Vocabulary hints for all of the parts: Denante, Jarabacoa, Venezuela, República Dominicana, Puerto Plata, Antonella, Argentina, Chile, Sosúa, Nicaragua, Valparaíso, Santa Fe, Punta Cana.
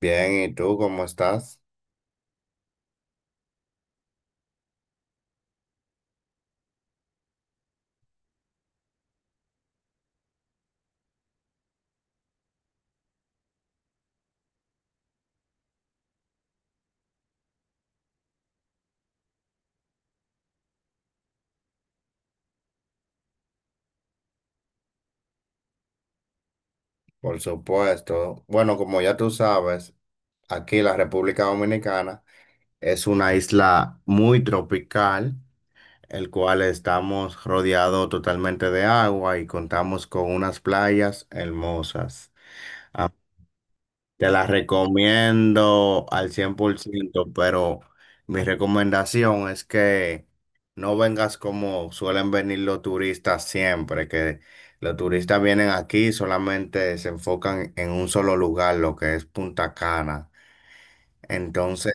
Bien, ¿y tú cómo estás? Por supuesto. Bueno, como ya tú sabes, aquí la República Dominicana es una isla muy tropical, el cual estamos rodeado totalmente de agua y contamos con unas playas hermosas. A Te la recomiendo al 100%, pero mi recomendación es que no vengas como suelen venir los turistas siempre, que los turistas vienen aquí y solamente se enfocan en un solo lugar, lo que es Punta Cana. Entonces,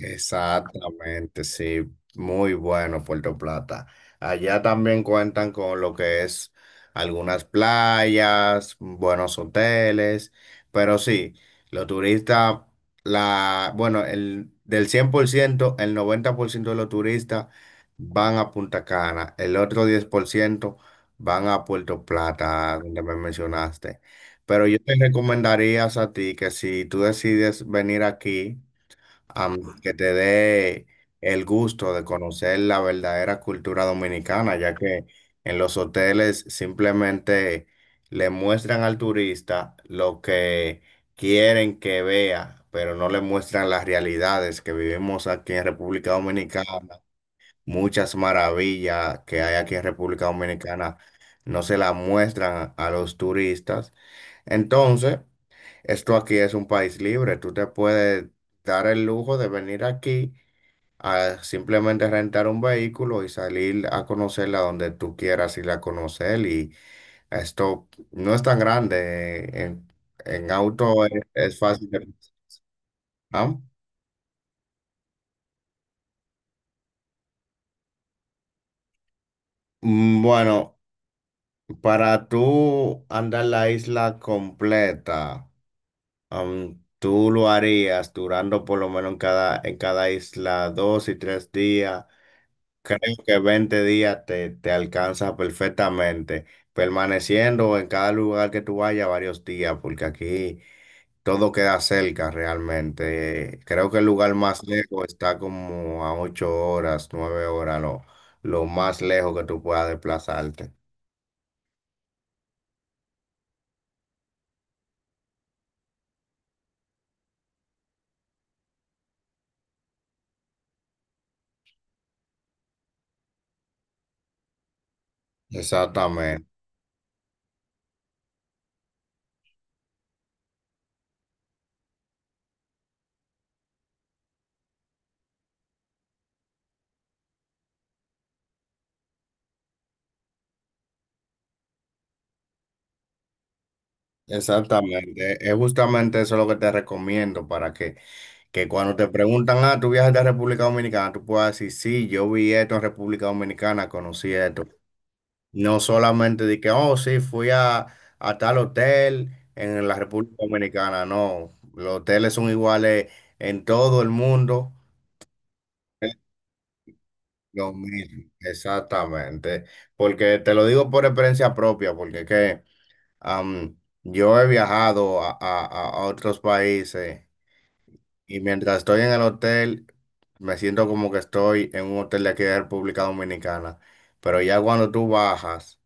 exactamente, sí, muy bueno Puerto Plata. Allá también cuentan con lo que es algunas playas, buenos hoteles, pero sí, los turistas, bueno, del 100%, el 90% de los turistas van a Punta Cana, el otro 10% van a Puerto Plata, donde me mencionaste. Pero yo te recomendaría a ti que si tú decides venir aquí, que te dé el gusto de conocer la verdadera cultura dominicana, ya que en los hoteles simplemente le muestran al turista lo que quieren que vea, pero no le muestran las realidades que vivimos aquí en República Dominicana. Muchas maravillas que hay aquí en República Dominicana no se las muestran a los turistas. Entonces, esto aquí es un país libre. Tú te puedes dar el lujo de venir aquí a simplemente rentar un vehículo y salir a conocerla donde tú quieras ir a conocer. Y esto no es tan grande. eh, En, en auto es fácil de. ¿Ah? Bueno, para tú andar la isla completa, tú lo harías durando por lo menos en cada isla 2 y 3 días. Creo que 20 días te alcanza perfectamente, permaneciendo en cada lugar que tú vayas varios días, porque aquí todo queda cerca realmente. Creo que el lugar más lejos está como a 8 horas, 9 horas, lo más lejos que tú puedas desplazarte. Exactamente, exactamente. Es justamente eso lo que te recomiendo para que cuando te preguntan, ah, ¿tú viajas de República Dominicana? Tú puedas decir, sí, yo vi esto en República Dominicana, conocí esto. No solamente de que, oh, sí, fui a, tal hotel en la República Dominicana. No, los hoteles son iguales en todo el mundo. Lo mismo, exactamente. Porque te lo digo por experiencia propia, porque es que yo he viajado a, a otros países y mientras estoy en el hotel, me siento como que estoy en un hotel de aquí de República Dominicana. Pero ya cuando tú bajas,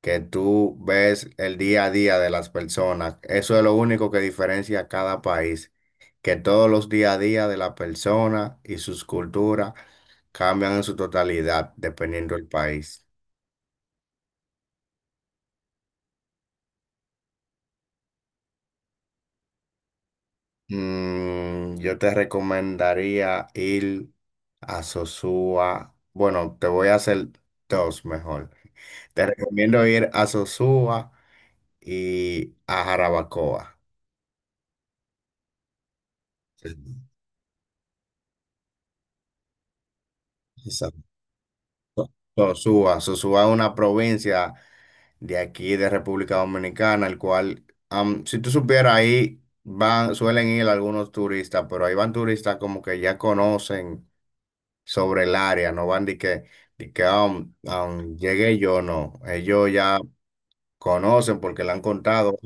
que tú ves el día a día de las personas. Eso es lo único que diferencia a cada país, que todos los día a día de la persona y sus culturas cambian en su totalidad dependiendo del país. Yo te recomendaría ir a Sosúa. Bueno, te voy a hacer dos mejor. Te recomiendo ir a Sosúa y a Jarabacoa. Sí. Exacto. Sosúa. Sosúa es una provincia de aquí, de República Dominicana, el cual, si tú supieras, ahí van, suelen ir algunos turistas, pero ahí van turistas como que ya conocen sobre el área, no van de que, de que llegué yo, no, ellos ya conocen porque le han contado,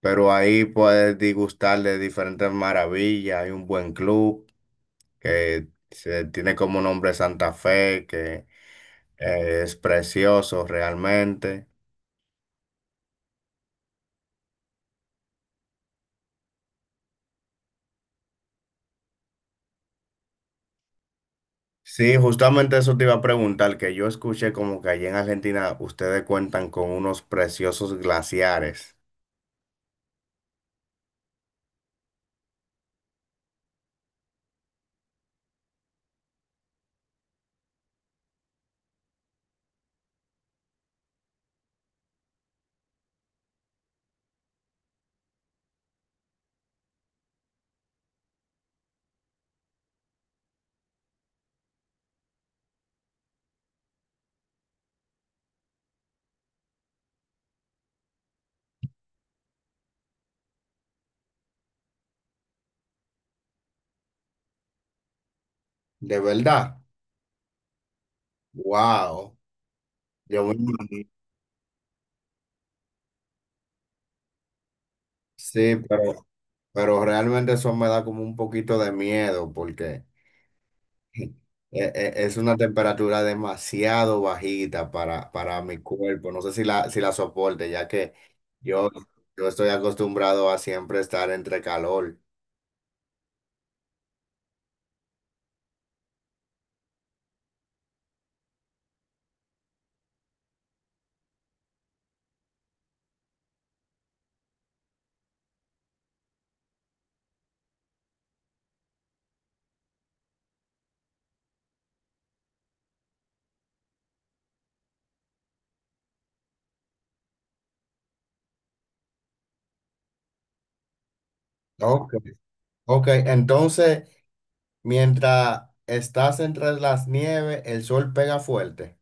pero ahí puedes degustar de diferentes maravillas, hay un buen club que se tiene como nombre Santa Fe, que es precioso realmente. Sí, justamente eso te iba a preguntar, que yo escuché como que allí en Argentina ustedes cuentan con unos preciosos glaciares. ¿De verdad? Wow. Yo me imagino. Sí, pero, realmente eso me da como un poquito de miedo porque e- es una temperatura demasiado bajita para, mi cuerpo. No sé si la soporte, ya que yo, yo estoy acostumbrado a siempre estar entre calor. Ok. Ok, entonces. Mientras estás entre las nieves, el sol pega fuerte.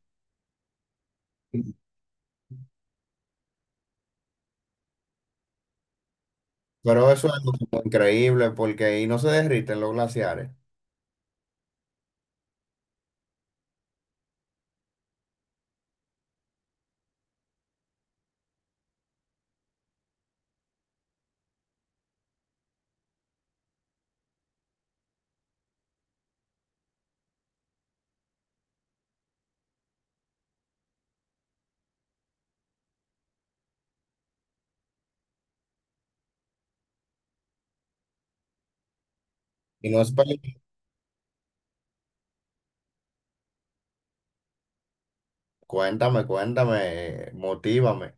Pero eso es algo como increíble porque ahí no se derriten los glaciares. Y no es peli-. Cuéntame, cuéntame, motívame.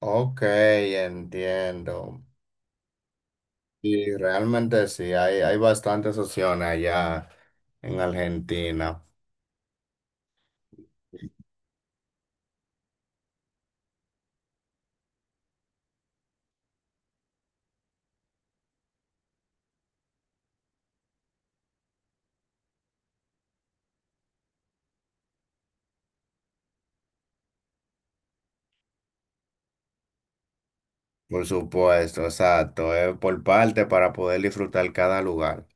Ok, entiendo. Y realmente sí, hay bastantes opciones allá en Argentina. Por supuesto, exacto. Es por parte para poder disfrutar cada lugar.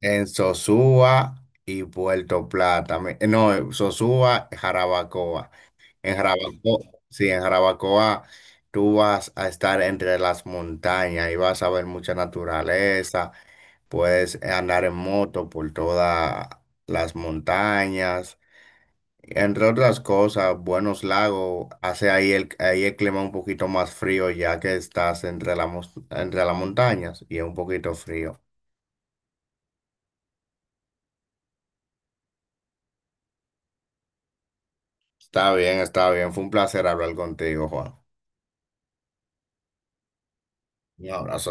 En Sosúa y Puerto Plata. No, en Sosúa, Jarabacoa. En Jarabacoa, sí, en Jarabacoa tú vas a estar entre las montañas y vas a ver mucha naturaleza. Puedes andar en moto por todas las montañas. Entre otras cosas, buenos lagos. Hace ahí el, clima un poquito más frío ya que estás entre entre las montañas y es un poquito frío. Está bien, está bien. Fue un placer hablar contigo, Juan. Un abrazo.